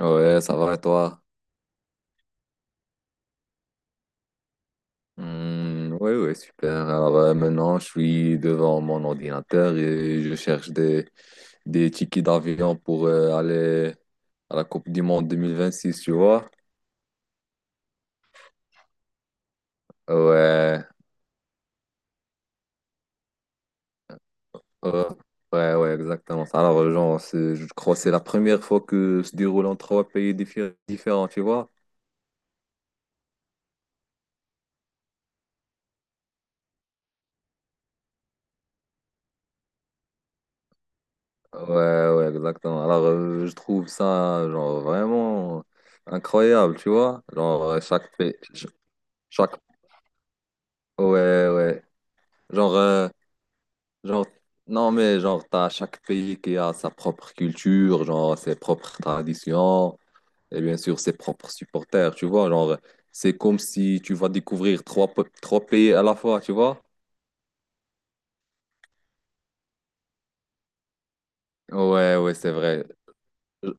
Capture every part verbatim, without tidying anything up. Ouais, ça va et toi? Hmm, ouais, ouais, super. Alors euh, maintenant, je suis devant mon ordinateur et je cherche des, des tickets d'avion pour euh, aller à la Coupe du Monde deux mille vingt six, tu vois? Ouais, ouais, ouais, ouais, exactement. Ça. Alors, genre, c'est- je crois que c'est la première fois que se déroule en trois pays diffé- différents, tu vois? Ouais, ouais, exactement. Alors, euh, je trouve ça, genre, vraiment incroyable, tu vois? Genre, euh, chaque pays, ch- chaque, ouais, ouais. Genre, euh, genre, non, mais genre, t'as chaque pays qui a sa propre culture, genre, ses propres traditions, et bien sûr, ses propres supporters, tu vois. Genre, c'est comme si tu vas découvrir trois, pe- trois pays à la fois, tu vois. Ouais, ouais, c'est vrai. Je-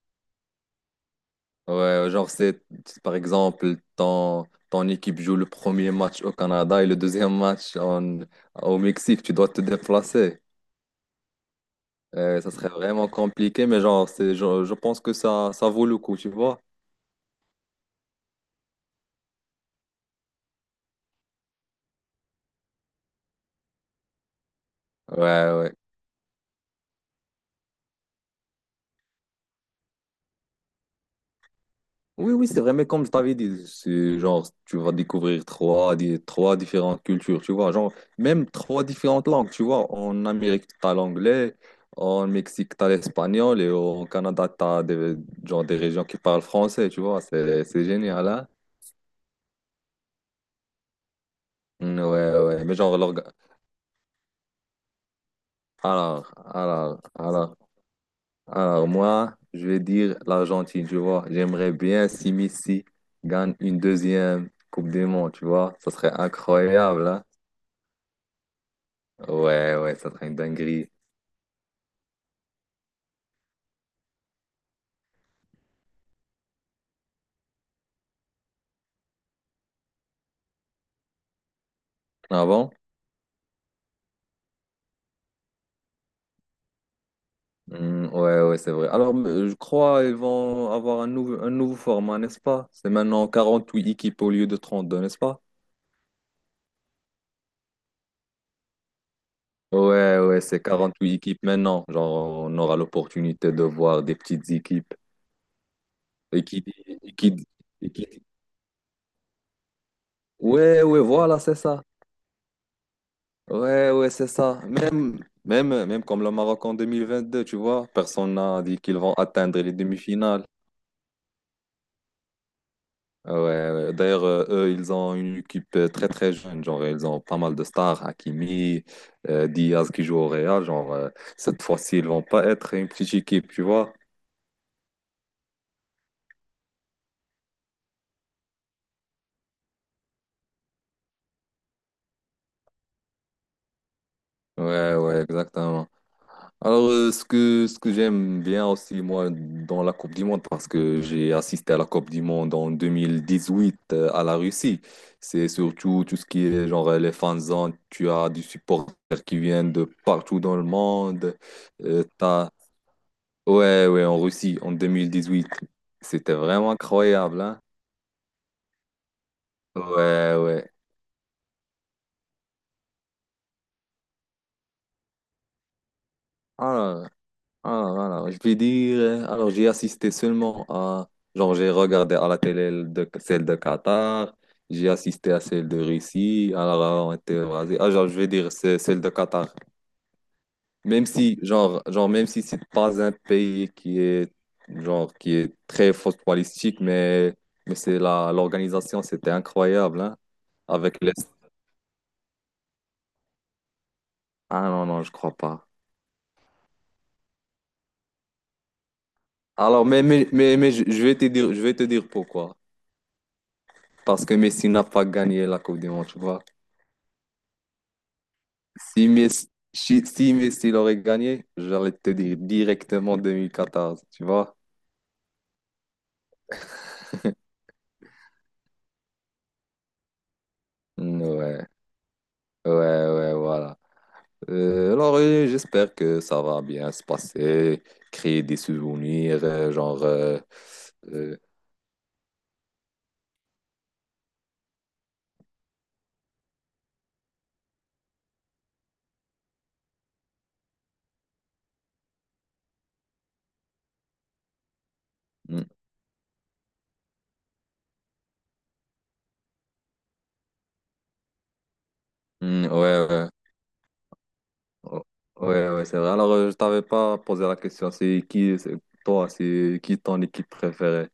Ouais, genre, c'est, c'est par exemple, ton, ton équipe joue le premier match au Canada et le deuxième match en, au Mexique, tu dois te déplacer. Euh, ça serait vraiment compliqué, mais genre, c'est, je, je pense que ça, ça vaut le coup, tu vois. Ouais, ouais. Oui, oui, c'est vrai, mais comme je t'avais dit, c'est genre, tu vas découvrir trois, di- trois différentes cultures, tu vois, genre, même trois différentes langues, tu vois, en Amérique, t'as l'anglais, en Mexique, t'as l'espagnol, et au Canada, t'as des, genre, des régions qui parlent français, tu vois, c'est, c'est génial, hein? Mm, ouais, ouais, mais genre, l'orga- alors, alors, alors, alors, moi, je vais dire l'Argentine, tu vois, j'aimerais bien si Messi gagne une deuxième Coupe du Monde, tu vois, ça serait incroyable, hein? Ouais, ouais, ça serait une dinguerie. Ah bon? Hmm, ouais, ouais, c'est vrai. Alors, euh, je crois qu'ils vont avoir un nouveau, un nouveau format, n'est-ce pas? C'est maintenant quarante huit équipes au lieu de trente deux, n'est-ce pas? Ouais, ouais, c'est quarante huit équipes maintenant. Genre, on aura l'opportunité de voir des petites équipes. Et qui, et qui- et qui- Ouais, ouais, voilà, c'est ça. Ouais, ouais, c'est ça. Même, même, même comme le Maroc en deux mille vingt deux, tu vois, personne n'a dit qu'ils vont atteindre les demi-finales. Ah ouais, ouais. D'ailleurs, euh, eux, ils ont une équipe euh, très très jeune. Genre, ils ont pas mal de stars, Hakimi, euh, Diaz qui joue au Real. Genre, euh, cette fois-ci, ils vont pas être une petite équipe, tu vois? Ouais, ouais, exactement. Alors, euh, ce que, ce que j'aime bien aussi, moi, dans la Coupe du Monde, parce que j'ai assisté à la Coupe du Monde en deux mille dix-huit, euh, à la Russie, c'est surtout tout ce qui est genre les fanzones. Tu as des supporters qui viennent de partout dans le monde. Tu as Ouais, ouais, en Russie, en deux mille dix huit. C'était vraiment incroyable, hein? Ouais, ouais. Alors, alors, alors, je vais dire... euh, alors, j'ai assisté seulement à... Genre, j'ai regardé à la télé de, celle de Qatar, j'ai assisté à celle de Russie, alors, on était rasés. Ah, genre, je vais dire c'est celle de Qatar. Même si, genre, genre, même si c'est pas un pays qui est, genre, qui est très footballistique, mais, mais c'est la, l'organisation, c'était incroyable, hein? Avec les Ah non, non, je crois pas. Alors, mais, mais, mais, mais je je vais te dire, je vais te dire pourquoi. Parce que Messi n'a pas gagné la Coupe du Monde, tu vois. Si Messi, si si Messi l'aurait gagné, j'allais te dire directement deux mille quatorze, tu vois. Ouais, ouais, ouais, voilà. Euh, alors, euh, j'espère que ça va bien se passer, créer des souvenirs, euh, genre, euh, euh, mm, mm, ouais, ouais. Oh, ouais, ouais, c'est vrai. Alors, euh, je t'avais pas posé la question. C'est qui, c'est toi, c'est qui ton équipe préférée?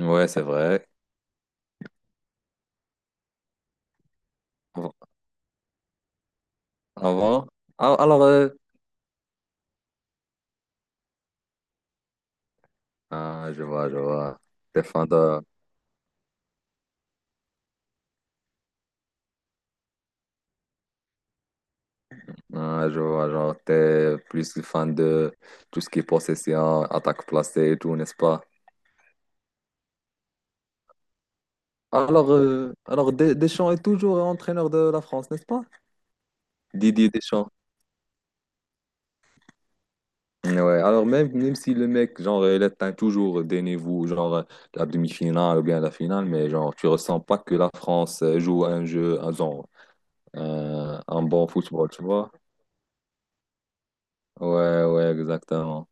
Ouais, c'est vrai. Av- Avant? Ah, alors, euh, ah, je vois, je vois. T'es fan de, ah, je vois, genre, t'es plus fan de tout ce qui est possession, attaque placée et tout, n'est-ce pas? Alors, euh, alors Des- Deschamps est toujours entraîneur de la France, n'est-ce pas? Didier Deschamps. Ouais, alors même, même si le mec, genre, il atteint toujours, donnez-vous, genre, euh, la demi-finale ou bien la finale, mais genre, tu ressens pas que la France euh, joue un jeu, un, genre, un, un bon football, tu vois? Ouais, ouais, exactement.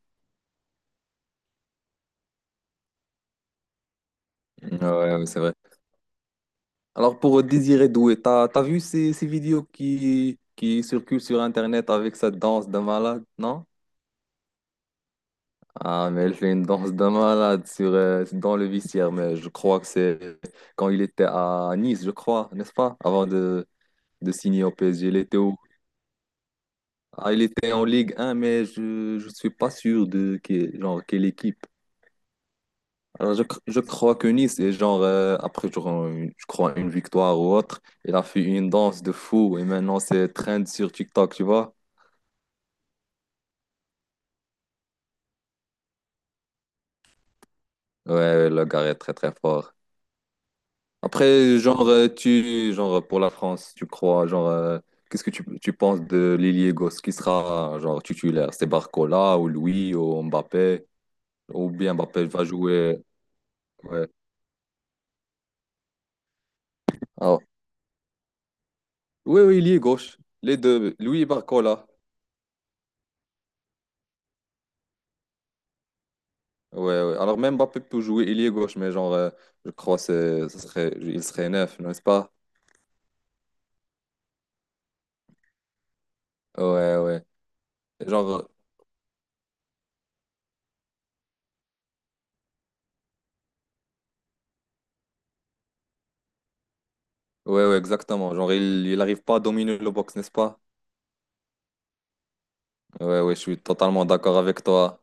Ouais, ouais, c'est vrai. Alors, pour Désiré Doué, t'as, t'as vu ces, ces vidéos qui, qui circulent sur Internet avec sa danse de malade, non? Ah, mais elle fait une danse de malade sur, euh, dans le vestiaire, mais je crois que c'est quand il était à Nice, je crois, n'est-ce pas? Avant de de signer au P S G. Il était, au- ah, il était en Ligue un, mais je je suis pas sûr de que- genre, quelle équipe. Alors, je, cr- je crois que Nice est genre, euh, après, genre, une- je crois, une victoire ou autre. Il a fait une danse de fou et maintenant c'est trend sur TikTok, tu vois. Ouais, ouais, le gars est très très fort. Après, genre, euh, tu, genre, pour la France, tu crois, genre, euh, qu'est-ce que tu, tu penses de l'ailier gauche qui sera, genre, titulaire? C'est Barcola ou Louis ou Mbappé? Ou bien Mbappé va jouer. Ouais. Ah oui, oui, il est gauche. Les deux, lui et Barcola. Ouais, ouais. Alors même Mbappé peut jouer, il est gauche, mais genre, euh, je crois que ça serait, il serait neuf, n'est-ce pas? Ouais, ouais. Genre, euh, ouais, ouais, exactement. Genre, il, il arrive pas à dominer le box, n'est-ce pas? Ouais, ouais, je suis totalement d'accord avec toi.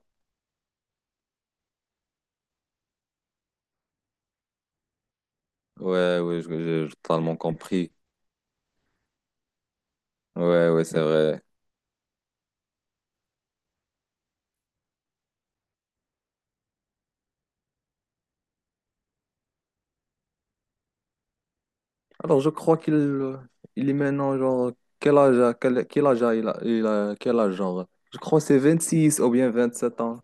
Ouais, ouais, je- j'ai j'ai totalement compris. Ouais, ouais, c'est vrai. Alors, je crois qu'il euh, il est maintenant, genre, quel âge, a- quel, quel âge a- il a, il a, quel âge, genre? Je crois que c'est six ou bien vingt-sept ans.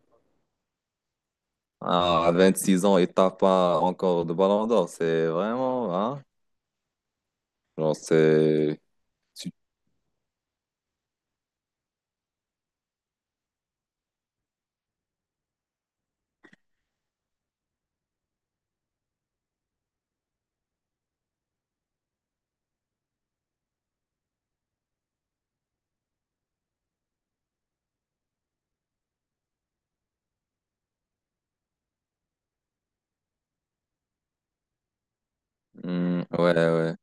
Ah, à vingt-six ans, il tape pas encore de ballon d'or. C'est vraiment, hein? Genre, c'est. tu- Hmm, ouais, ouais.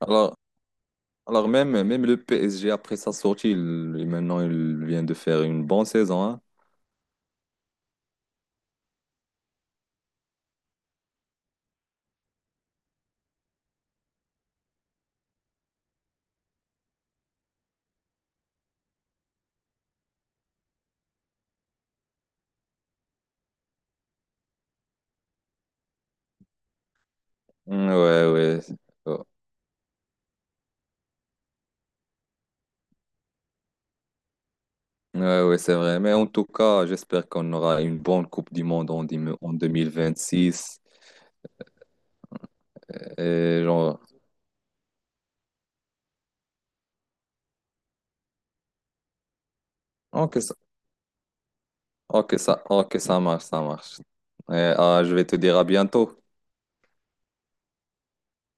Alors, alors même, même le P S G, après sa sortie, il- il- maintenant, il vient de faire une bonne saison, hein? Hmm, ouais, ouais. Oh. Ouais, ouais, c'est vrai. Mais en tout cas, j'espère qu'on aura une bonne Coupe du Monde en, dim- en deux mille vingt-six. Et genre, ok, ça, ok, ça, ok, ça marche, ça marche. Eh, ah, je vais te dire à bientôt.